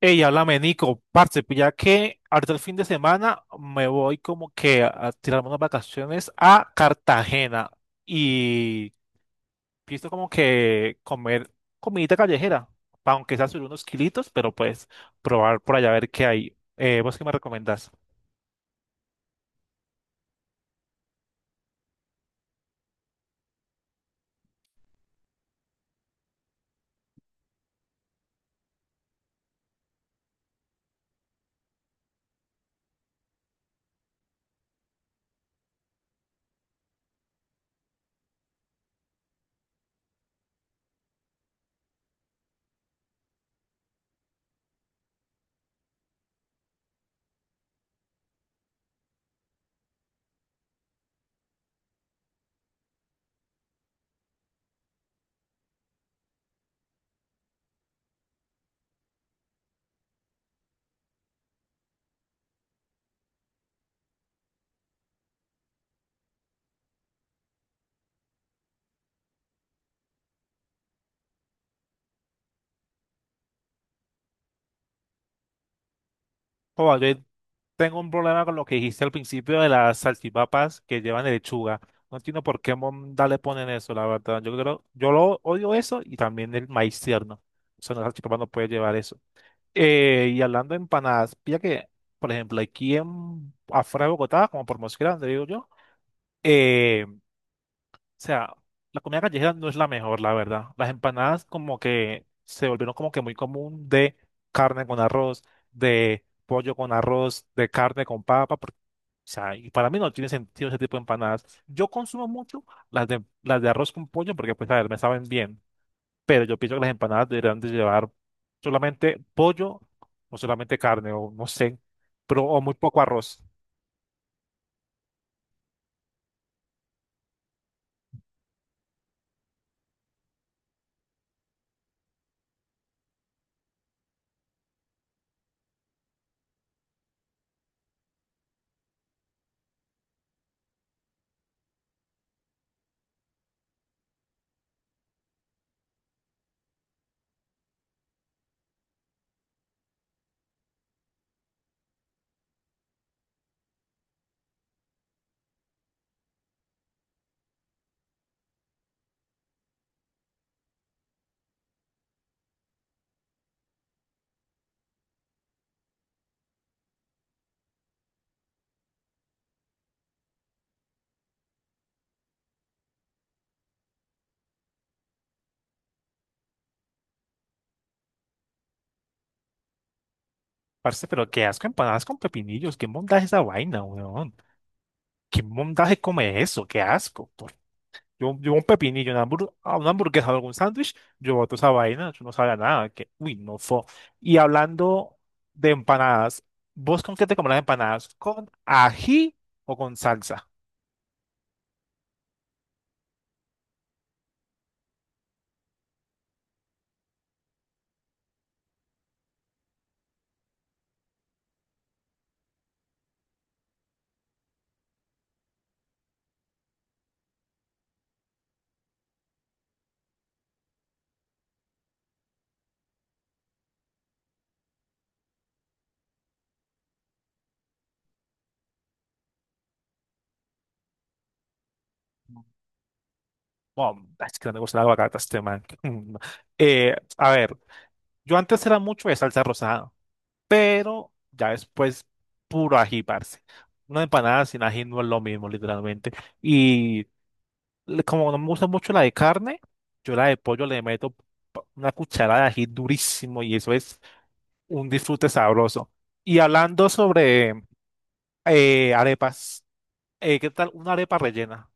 Ey, háblame, Nico, parce, pues ya que ahorita el fin de semana me voy como que a tirarme unas vacaciones a Cartagena y pienso como que comer comidita callejera, pa' aunque sea subir unos kilitos, pero pues probar por allá a ver qué hay. ¿Vos qué me recomendás? Joa, yo tengo un problema con lo que dijiste al principio de las salchipapas que llevan lechuga. No entiendo por qué monda le ponen eso, la verdad. Yo creo, yo lo odio eso y también el maíz tierno. O sea, una salchipapa no puede llevar eso. Y hablando de empanadas, pilla que, por ejemplo, aquí afuera de Bogotá, como por Mosquera, donde digo yo, o sea, la comida callejera no es la mejor, la verdad. Las empanadas como que se volvieron como que muy común de carne con arroz, de pollo con arroz, de carne con papa, porque, o sea, y para mí no tiene sentido ese tipo de empanadas. Yo consumo mucho las de arroz con pollo porque, pues, a ver, me saben bien, pero yo pienso que las empanadas deberían de llevar solamente pollo o solamente carne o no sé, pero o muy poco arroz. Parce, pero qué asco empanadas con pepinillos, qué mondaje esa vaina, weón. Qué mondaje come eso, qué asco. Yo un pepinillo, a una hamburguesa o algún sándwich, yo boto esa vaina, yo no sabía nada, que uy, no fue. Y hablando de empanadas, ¿vos con qué te comes las empanadas? ¿Con ají o con salsa? Bueno, es que no me gusta la aguacate a este man. A ver, yo antes era mucho de salsa rosada, pero ya después puro ají, parce. Una empanada sin ají no es lo mismo, literalmente. Y como no me gusta mucho la de carne, yo la de pollo le meto una cucharada de ají durísimo y eso es un disfrute sabroso. Y hablando sobre arepas, ¿qué tal una arepa rellena?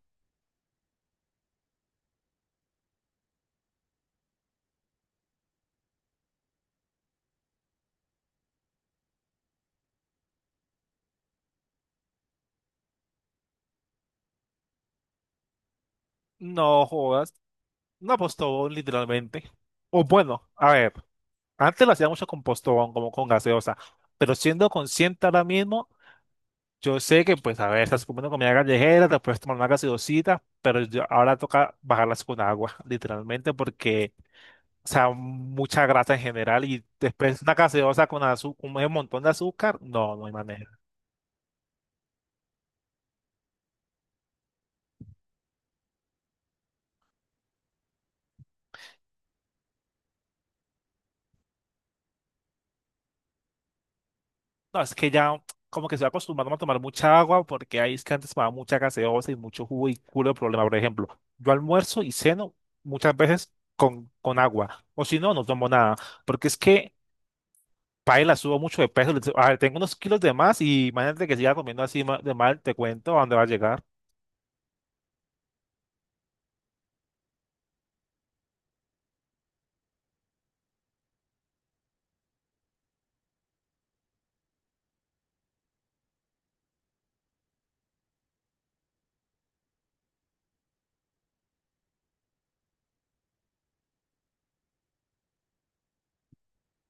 No jodas, un apostón, literalmente. O bueno, a ver. Antes lo hacía mucho con postón, como con gaseosa, pero siendo consciente ahora mismo, yo sé que, pues, a ver, estás comiendo comida callejera, te puedes tomar una gaseosita, pero ahora toca bajarlas con agua, literalmente, porque, o sea, mucha grasa en general y después una gaseosa con con un montón de azúcar, no, no hay manera. No, es que ya como que estoy acostumbrado a tomar mucha agua porque ahí es que antes tomaba mucha gaseosa y mucho jugo y culo de problema. Por ejemplo, yo almuerzo y ceno muchas veces con agua. O si no, no tomo nada. Porque es que paila, subo mucho de peso. A ver, tengo unos kilos de más y imagínate que siga comiendo así de mal, te cuento a dónde va a llegar.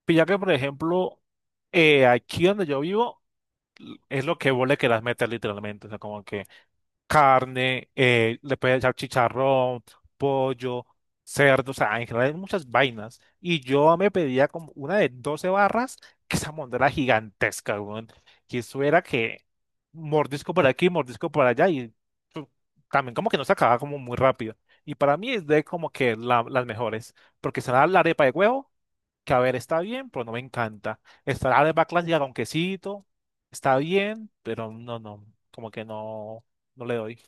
Pilla que, por ejemplo, aquí donde yo vivo es lo que vos le querás meter literalmente. O sea, como que carne, le puedes echar chicharrón, pollo, cerdo, o sea, en general hay muchas vainas. Y yo me pedía como una de 12 barras, que esa monda era gigantesca, weón. Y eso era que mordisco por aquí, mordisco por allá, y pu- también como que no se acababa como muy rápido. Y para mí es de como que las mejores, porque está la arepa de huevo, que a ver, está bien, pero no me encanta. Está la arepa clásica con quesito, está bien, pero no, no, como que no, no le doy.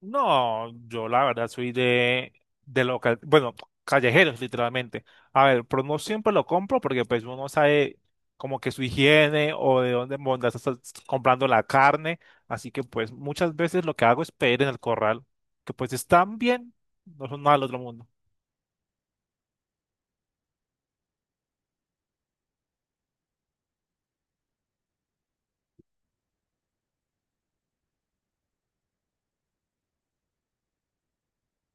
No, yo la verdad soy de local, bueno, callejeros literalmente. A ver, pero no siempre lo compro porque pues uno no sabe como que su higiene o de dónde mondas estás comprando la carne. Así que pues muchas veces lo que hago es pedir en el corral, que pues están bien, no son nada del otro mundo.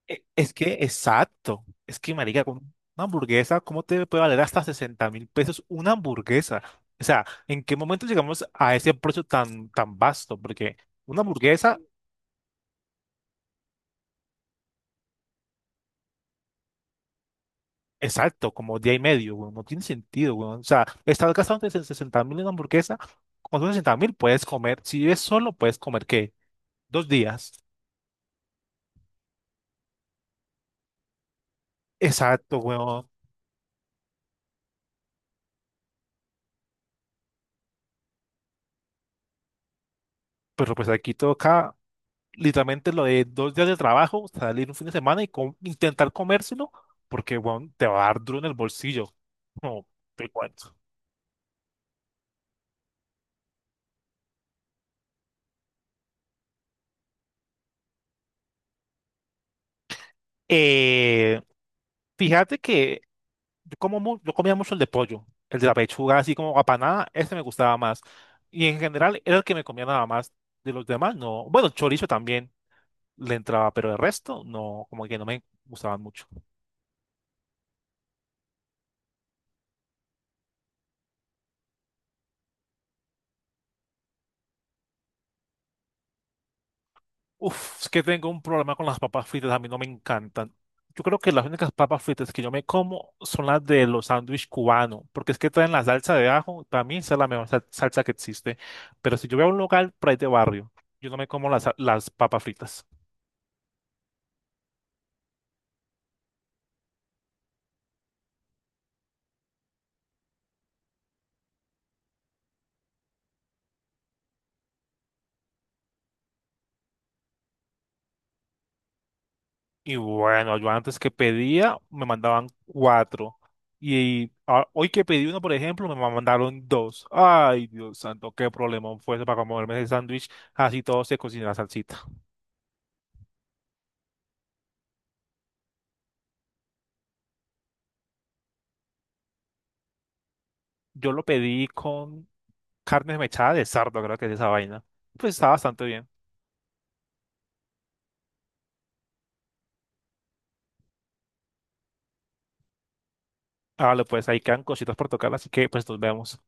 Es que, exacto. Es que, marica, con una hamburguesa, ¿cómo te puede valer hasta 60.000 pesos una hamburguesa? O sea, ¿en qué momento llegamos a ese precio tan, tan vasto? Porque una hamburguesa, exacto, como día y medio, weón, no tiene sentido, weón. O sea, estás gastando 60.000 en una hamburguesa, con esos 60 mil puedes comer, si vives solo, puedes comer, ¿qué? 2 días. Exacto, weón. Pero pues aquí toca literalmente lo de 2 días de trabajo, salir un fin de semana y intentar comérselo, porque bueno, te va a dar duro en el bolsillo. No, te cuento. Eh, Fíjate que yo, como, yo comía mucho el de pollo, el de la pechuga, así como apanada, ese me gustaba más. Y en general era el que me comía nada más. De los demás, no. Bueno, chorizo también le entraba, pero el resto, no, como que no me gustaban mucho. Uf, es que tengo un problema con las papas fritas, a mí no me encantan. Yo creo que las únicas papas fritas que yo me como son las de los sándwiches cubanos, porque es que traen la salsa de ajo, para mí esa es la mejor salsa que existe. Pero si yo voy a un local por ahí de barrio, yo no me como las papas fritas. Y bueno, yo antes que pedía, me mandaban cuatro. Y ah, hoy que pedí uno, por ejemplo, me mandaron dos. Ay, Dios santo, qué problema fue ese para comerme ese sándwich. Así todo se cocina la salsita. Yo lo pedí con carne mechada de sardo, creo que es esa vaina. Pues está bastante bien. Vale, pues ahí quedan cositas por tocar, así que pues nos vemos.